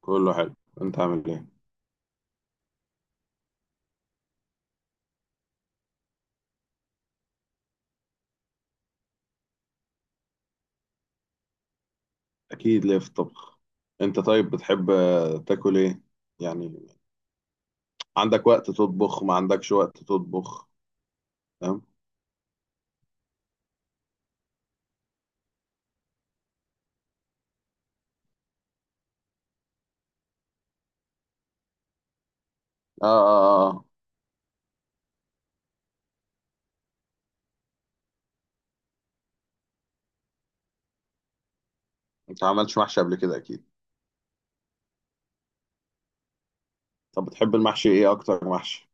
كله حلو. انت عامل ايه؟ اكيد ليه في الطبخ. انت طيب بتحب تاكل ايه يعني؟ عندك وقت تطبخ ما عندكش وقت تطبخ؟ فاهم. اه. انت ما عملتش محشي قبل كده اكيد؟ طب بتحب المحشي ايه، اكتر محشي؟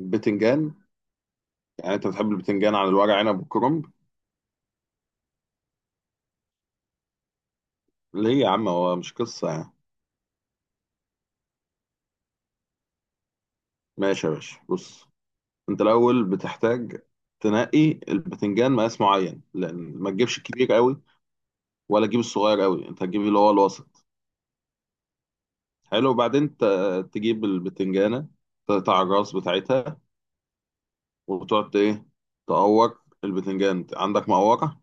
البتنجان؟ يعني انت بتحب البتنجان على الورق عنب والكرنب؟ ليه يا عم، هو مش قصة يعني. ماشي يا باشا، بص. انت الاول بتحتاج تنقي البتنجان مقاس معين، لان ما تجيبش الكبير قوي ولا تجيب الصغير قوي، انت هتجيب اللي هو الوسط. حلو، وبعدين تجيب البتنجانة، تقطع الراس بتاعتها، وتقعد ايه، تقور البتنجان، عندك مقورة.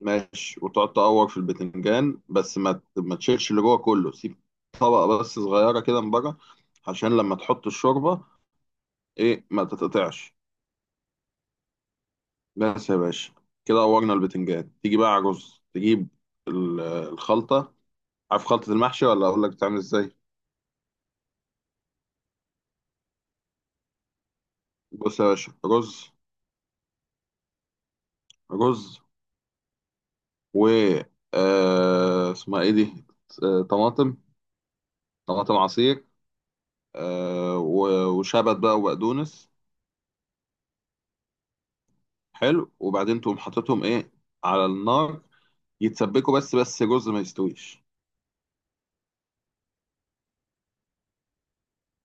ماشي، وتقعد تقور في البتنجان، بس ما تشيلش اللي جوه كله، سيب طبقة بس صغيرة كده من بره، عشان لما تحط الشوربة ايه، ما تتقطعش. بس يا باشا، كده قورنا البتنجان. تيجي بقى على الرز، تجيب الخلطة. عارف خلطة المحشي ولا أقول لك بتعمل ازاي؟ بص يا باشا، رز، رز و اسمها ايه دي، طماطم، طماطم عصير، وشبت بقى وبقدونس. حلو، وبعدين تقوم حاططهم ايه، على النار، يتسبكوا بس، جزء ما يستويش.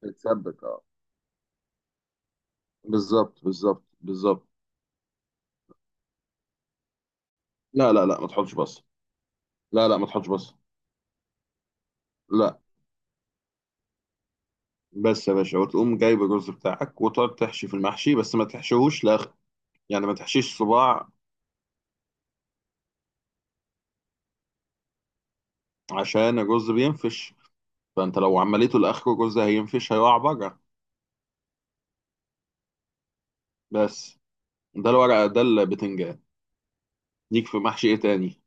بتسبك، اه، بالظبط بالظبط بالظبط. لا لا لا، ما تحطش بصل. لا لا، ما تحطش بصل. لا. بس يا باشا، وتقوم جايب الرز بتاعك وتقعد تحشي في المحشي، بس ما تحشيهوش لاخر. يعني ما تحشيش صباع، عشان الرز بينفش، فانت لو عمليته لاخره الرز هينفش، هيقع بره. بس. ده الورقة، ده البتنجان. ليك في محشي ايه تاني؟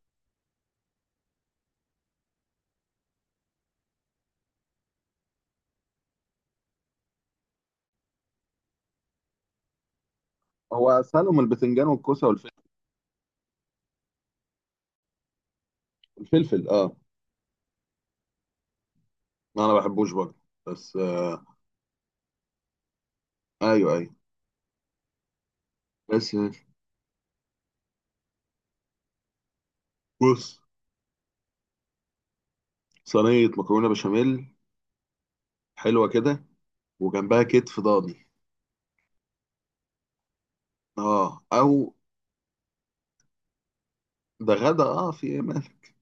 هو اسهلهم البتنجان والكوسة والفلفل. الفلفل، اه. انا ما بحبوش برضه. بس آه. ايوه ايوه. بس ماشي. بص، صينية مكرونة بشاميل، حلوة كده، وجنبها كتف ضاني. اه، او. ده غدا، اه، في ايه مالك.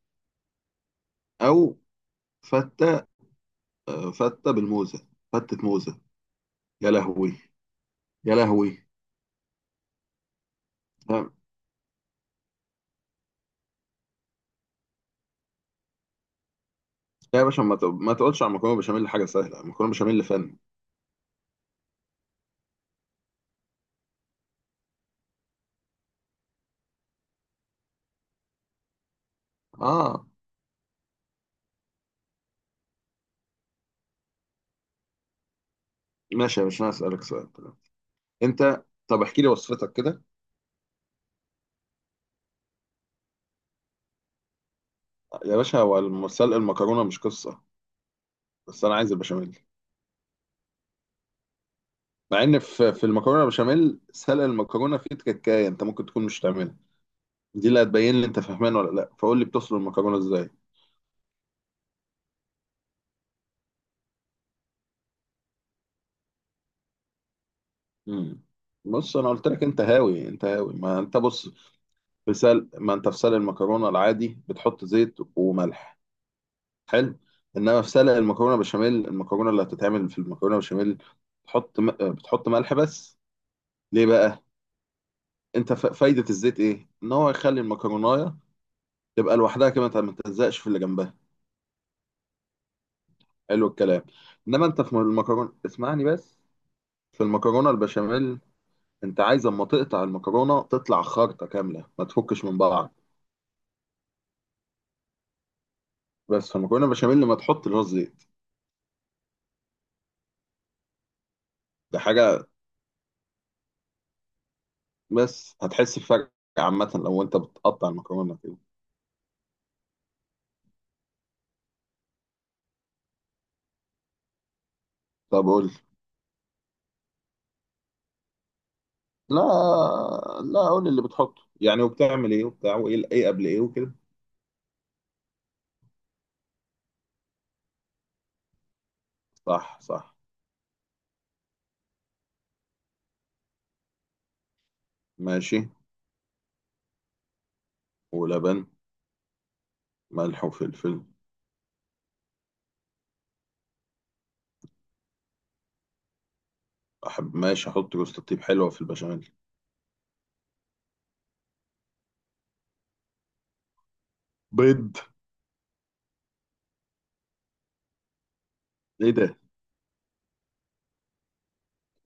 او، فتة، آه، فتة بالموزة، فتة موزة. يا لهوي، يا لهوي. لا يا باشا، ما تقولش على مكرونة بشاميل حاجة سهلة، مكرونة بشاميل فن. اه، ماشي يا باشا، انا اسألك سؤال. انت، طب احكي لي وصفتك كده. يا باشا، هو سلق المكرونه مش قصه، بس انا عايز البشاميل. مع ان في المكرونه بشاميل سلق المكرونه فيه تكايه، انت ممكن تكون مش تعملها، دي اللي هتبين لي انت فهمان ولا لا. فقول لي بتسلق المكرونه ازاي؟ امم بص، انا قلت لك انت هاوي، انت هاوي. ما انت بص. في سلق، ما انت في سلق المكرونه العادي بتحط زيت وملح. حلو. انما في سلق المكرونه بشاميل، المكرونه اللي هتتعمل في المكرونه بشاميل، بتحط ملح بس. ليه بقى؟ انت فايدة الزيت ايه؟ ان هو يخلي المكرونايه تبقى لوحدها كده، انت ما تلزقش في اللي جنبها. حلو الكلام. انما انت في المكرونة، اسمعني بس، في المكرونة البشاميل، انت عايز اما تقطع المكرونة تطلع خارطة كاملة، ما تفكش من بعض. بس في المكرونة البشاميل، لما تحط اللي هو الزيت، ده حاجة، بس هتحس بفرق. عامة لو انت بتقطع المكرونة كده. طب قول لي. لا لا، قول لي اللي بتحطه يعني، وبتعمل ايه وبتاع، وايه ايه قبل ايه وكده. صح صح. ماشي. ولبن. ملح وفلفل. أحب، ماشي، أحط جوز الطيب، حلوة في البشاميل. بيض؟ إيه ده؟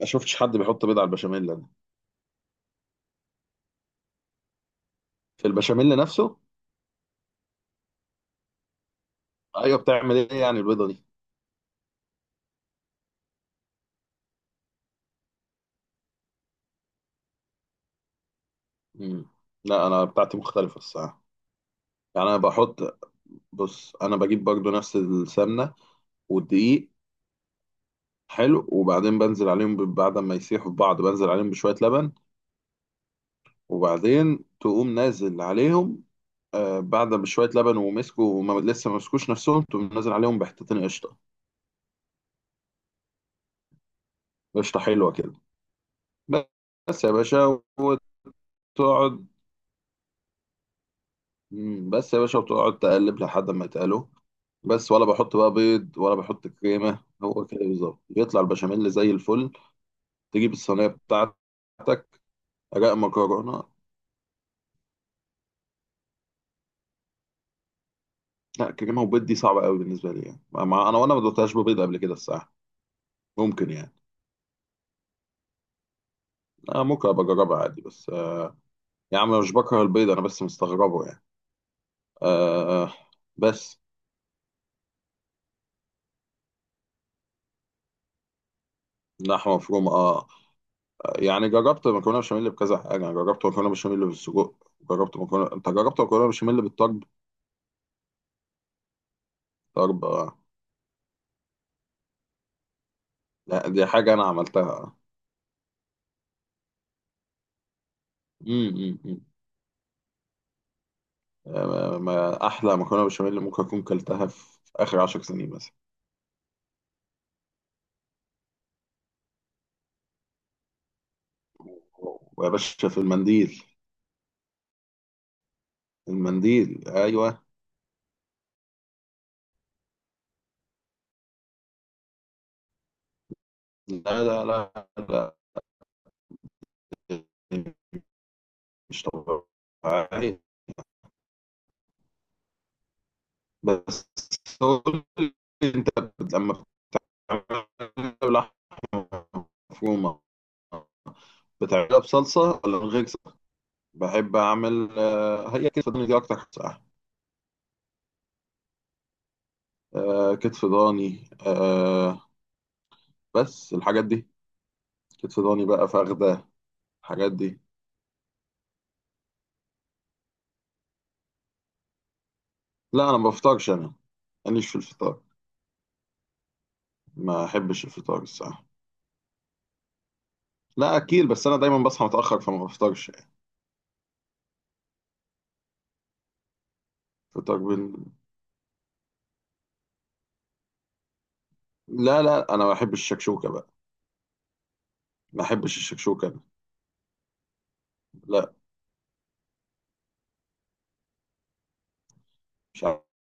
ما شفتش حد بيحط بيض على البشاميل أنا. في البشاميل نفسه؟ أيوه، بتعمل إيه يعني البيضة دي؟ مم. لا، أنا بتاعتي مختلفة الصراحة. يعني أنا بحط، بص، أنا بجيب برضو نفس السمنة والدقيق. حلو، وبعدين بنزل عليهم بعد ما يسيحوا في بعض، بنزل عليهم بشوية لبن، وبعدين تقوم نازل عليهم، بعد بشوية لبن ومسكوا، وما لسه ما مسكوش نفسهم، تقوم نازل عليهم بحتتين قشطة. قشطة حلوة كده. بس يا باشا، وتقعد، بس يا باشا وتقعد تقلب لحد ما يتقلوا. بس، ولا بحط بقى بيض، ولا بحط كريمة، هو كده بالظبط يطلع البشاميل زي الفل. تجيب الصينية بتاعتك، أجاء مكرونة. لا، كريمة وبيض دي صعبة قوي بالنسبة لي يعني، مع أنا، وأنا ما دوتهاش ببيض قبل كده الصراحة. ممكن يعني. آه، ممكن أبقى أجربها عادي، بس آه. يا عم أنا مش بكره البيض، أنا بس مستغربه يعني. آه. بس. لحمة مفرومة، آه. يعني جربت مكرونه بشاميل بكذا حاجه، يعني جربت مكرونه بشاميل بالسجق، جربت مكرونه، انت جربت مكرونه بشاميل بالطرب؟ طرب آه. لا دي حاجه انا عملتها. امم آه، ما احلى مكرونه بشاميل ممكن اكون كلتها في اخر 10 سنين مثلا. ويا باشا في المنديل، المنديل، ايوه. لا لا لا لا، مش طبيعي. بس قول لي، انت لما بتعملها بلحمه مفرومه، بتعملها بصلصة ولا من غير صلصة؟ بحب أعمل هي كتف ضاني دي أكتر حاجة بصراحة. آه، كتف ضاني، آه، بس الحاجات دي، كتف ضاني بقى، فخدة، الحاجات دي. لا أنا ما بفطرش أنا، ماليش في الفطار، ما أحبش الفطار الصراحة. لا أكيل، بس أنا دايما بصحى متأخر فما بفطرش يعني. فطار بال... لا لا، أنا ما بحبش الشكشوكة بقى، ما أحبش الشكشوكة أنا. لا، مش عارف.